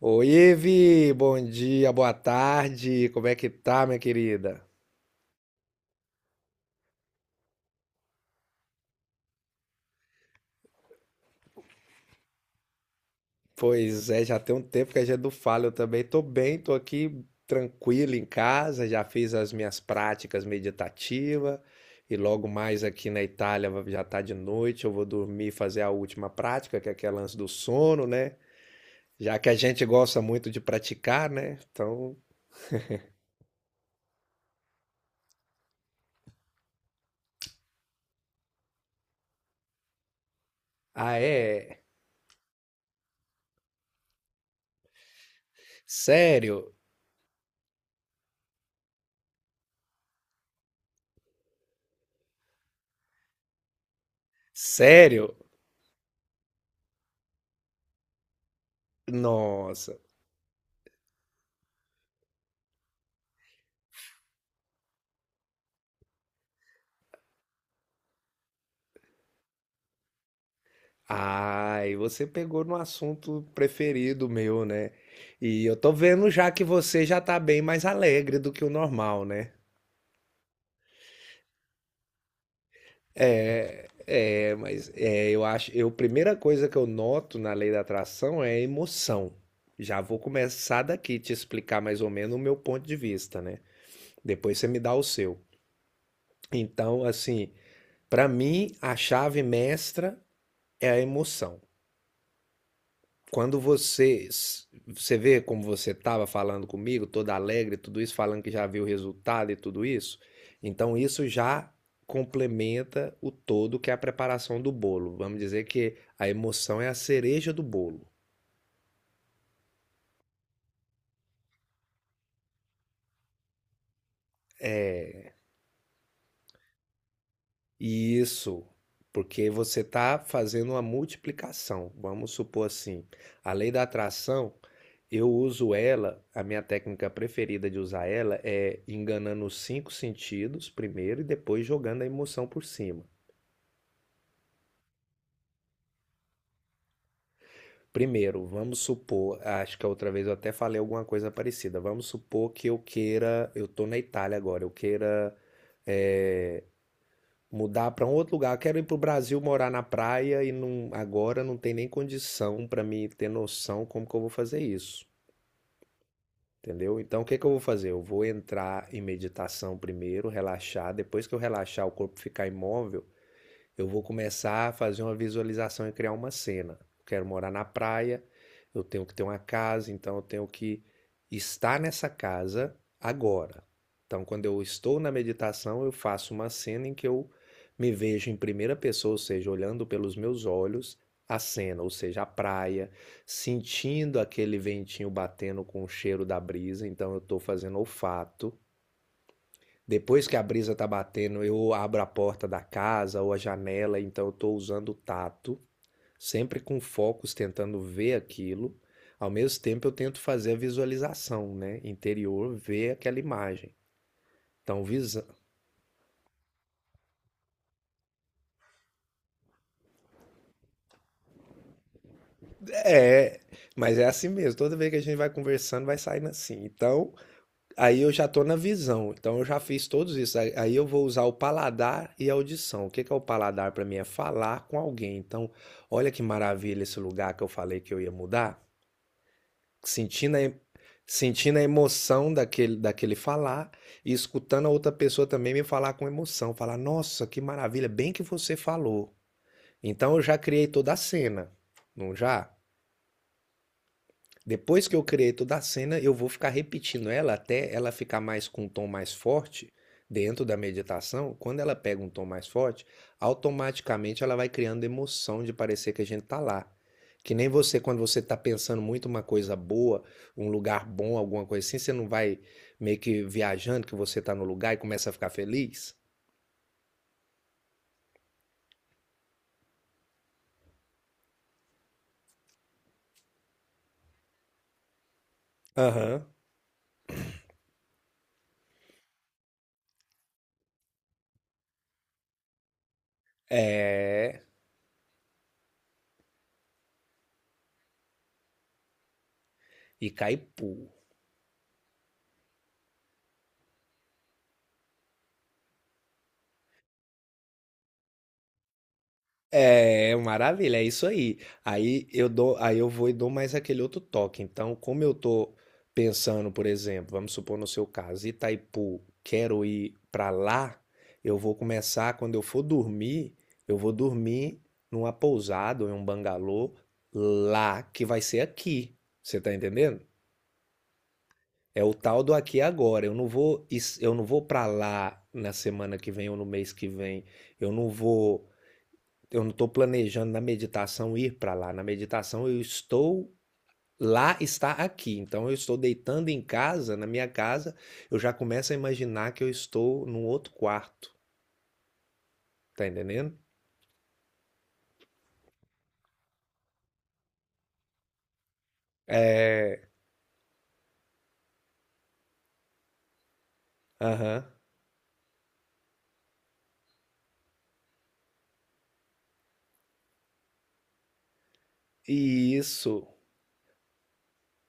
Oi, Evi, bom dia, boa tarde, como é que tá, minha querida? Pois é, já tem um tempo que a gente não fala, eu também tô bem, tô aqui tranquilo em casa, já fiz as minhas práticas meditativas e logo mais aqui na Itália já tá de noite, eu vou dormir e fazer a última prática, que é aquele lance do sono, né? Já que a gente gosta muito de praticar, né? Então, ah, é? Sério? Sério? Nossa. Ah, e você pegou no assunto preferido meu, né? E eu tô vendo já que você já tá bem mais alegre do que o normal, né? É, mas é, eu acho, eu, primeira coisa que eu noto na lei da atração é a emoção. Já vou começar daqui te explicar mais ou menos o meu ponto de vista, né? Depois você me dá o seu. Então, assim, pra mim, a chave mestra é a emoção. Quando você vê como você estava falando comigo, toda alegre, tudo isso, falando que já viu o resultado e tudo isso, então isso já complementa o todo que é a preparação do bolo. Vamos dizer que a emoção é a cereja do bolo. É, e isso porque você está fazendo uma multiplicação. Vamos supor assim, a lei da atração. Eu uso ela, a minha técnica preferida de usar ela é enganando os cinco sentidos primeiro e depois jogando a emoção por cima. Primeiro, vamos supor, acho que a outra vez eu até falei alguma coisa parecida. Vamos supor que eu queira, eu tô na Itália agora, eu queira, é, mudar para um outro lugar. Eu quero ir pro Brasil morar na praia e agora não tem nem condição para mim ter noção como que eu vou fazer isso. Entendeu? Então, o que que eu vou fazer? Eu vou entrar em meditação primeiro, relaxar. Depois que eu relaxar, o corpo ficar imóvel, eu vou começar a fazer uma visualização e criar uma cena. Eu quero morar na praia, eu tenho que ter uma casa, então eu tenho que estar nessa casa agora. Então, quando eu estou na meditação, eu faço uma cena em que eu me vejo em primeira pessoa, ou seja, olhando pelos meus olhos a cena, ou seja, a praia, sentindo aquele ventinho batendo com o cheiro da brisa, então eu estou fazendo olfato, depois que a brisa tá batendo, eu abro a porta da casa ou a janela, então eu tô usando o tato, sempre com focos tentando ver aquilo. Ao mesmo tempo eu tento fazer a visualização, né? Interior, ver aquela imagem. Então, visão. É, mas é assim mesmo. Toda vez que a gente vai conversando, vai saindo assim. Então, aí eu já tô na visão, então eu já fiz todos isso. Aí eu vou usar o paladar e a audição. O que que é o paladar para mim? É falar com alguém. Então, olha que maravilha esse lugar que eu falei que eu ia mudar, sentindo a, em- sentindo a emoção daquele falar e escutando a outra pessoa também me falar com emoção. Falar, nossa, que maravilha, bem que você falou. Então eu já criei toda a cena, não já? Depois que eu criei toda a cena, eu vou ficar repetindo ela até ela ficar mais com um tom mais forte dentro da meditação. Quando ela pega um tom mais forte, automaticamente ela vai criando emoção de parecer que a gente tá lá. Que nem você, quando você tá pensando muito uma coisa boa, um lugar bom, alguma coisa assim, você não vai meio que viajando que você tá no lugar e começa a ficar feliz? Aham. É. E cai puro. É, maravilha, é isso aí. Aí eu dou, aí eu vou e dou mais aquele outro toque. Então, como eu tô pensando, por exemplo, vamos supor no seu caso, Itaipu, quero ir pra lá, eu vou começar quando eu for dormir, eu vou dormir numa pousada ou em um bangalô lá que vai ser aqui. Você tá entendendo? É o tal do aqui e agora. Eu não vou para lá na semana que vem ou no mês que vem. Eu não vou eu não estou planejando na meditação ir para lá. Na meditação eu estou lá está aqui. Então eu estou deitando em casa, na minha casa, eu já começo a imaginar que eu estou num outro quarto, tá entendendo? É, aham. E isso,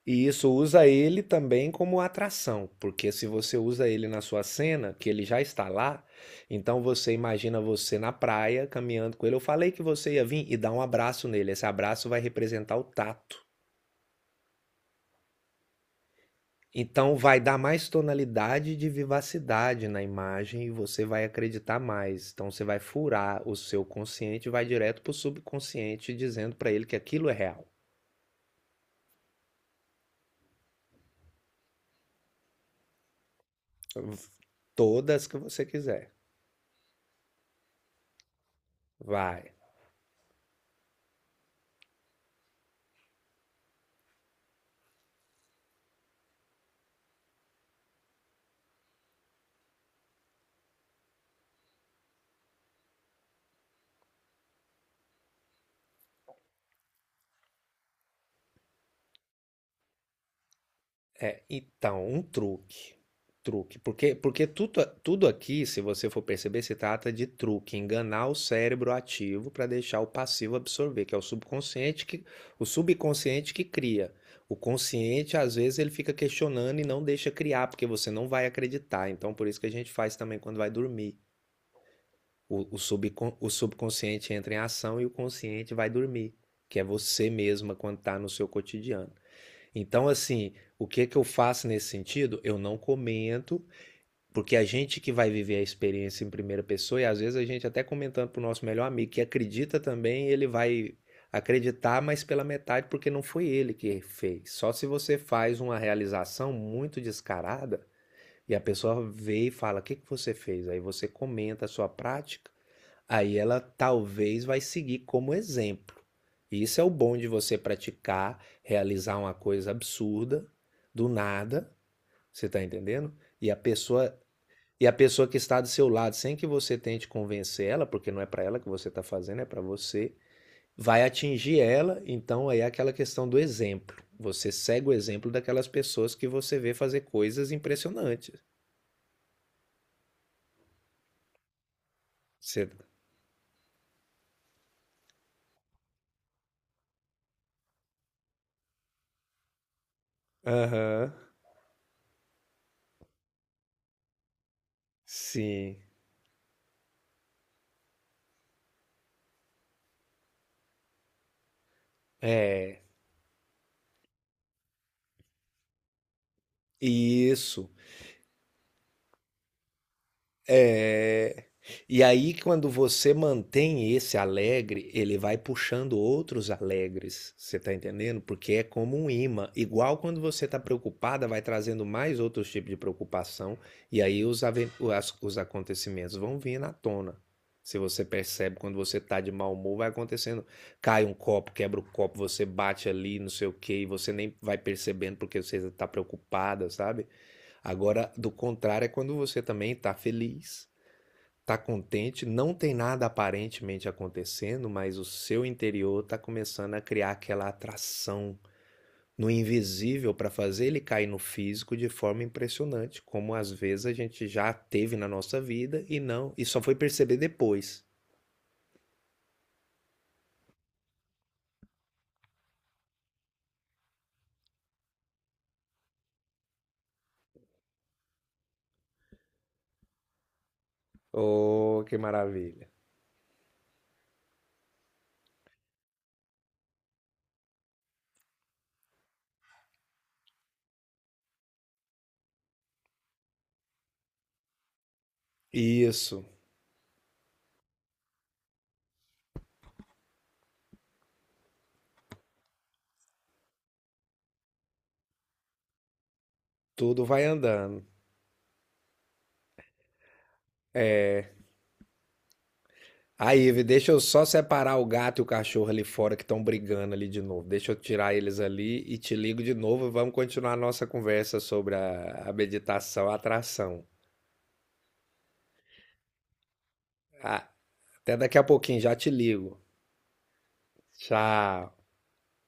e isso usa ele também como atração, porque se você usa ele na sua cena, que ele já está lá, então você imagina você na praia caminhando com ele. Eu falei que você ia vir e dar um abraço nele. Esse abraço vai representar o tato. Então vai dar mais tonalidade de vivacidade na imagem e você vai acreditar mais. Então você vai furar o seu consciente e vai direto para o subconsciente dizendo para ele que aquilo é real. Todas que você quiser. Vai. É, então, um truque. Truque. Porque, porque tudo aqui, se você for perceber, se trata de truque, enganar o cérebro ativo para deixar o passivo absorver, que é o subconsciente que cria. O consciente, às vezes, ele fica questionando e não deixa criar, porque você não vai acreditar. Então, por isso que a gente faz também quando vai dormir. O subconsciente entra em ação e o consciente vai dormir, que é você mesma quando está no seu cotidiano. Então, assim, o que que eu faço nesse sentido? Eu não comento, porque a gente que vai viver a experiência em primeira pessoa, e às vezes a gente até comentando pro nosso melhor amigo que acredita também, ele vai acreditar, mas pela metade, porque não foi ele que fez. Só se você faz uma realização muito descarada e a pessoa vê e fala: o que que você fez? Aí você comenta a sua prática. Aí ela talvez vai seguir como exemplo. E isso é o bom de você praticar, realizar uma coisa absurda, do nada, você está entendendo? E a pessoa e a pessoa que está do seu lado, sem que você tente convencer ela, porque não é para ela que você está fazendo, é para você, vai atingir ela. Então aí é aquela questão do exemplo. Você segue o exemplo daquelas pessoas que você vê fazer coisas impressionantes. Você... Aham, sim. É, isso. É. E aí, quando você mantém esse alegre, ele vai puxando outros alegres. Você tá entendendo? Porque é como um imã. Igual quando você tá preocupada, vai trazendo mais outros tipos de preocupação. E aí os, aven- as- os acontecimentos vão vir na tona. Se você percebe quando você tá de mau humor, vai acontecendo. Cai um copo, quebra o copo, você bate ali, não sei o quê, e você nem vai percebendo porque você tá preocupada, sabe? Agora, do contrário, é quando você também tá feliz. Tá contente, não tem nada aparentemente acontecendo, mas o seu interior tá começando a criar aquela atração no invisível para fazer ele cair no físico de forma impressionante, como às vezes a gente já teve na nossa vida e não, e só foi perceber depois. Oh, que maravilha. Isso, tudo vai andando. Aí, Ive, deixa eu só separar o gato e o cachorro ali fora que estão brigando ali de novo. Deixa eu tirar eles ali e te ligo de novo. Vamos continuar a nossa conversa sobre a meditação, a atração. Ah, até daqui a pouquinho, já te ligo. Tchau.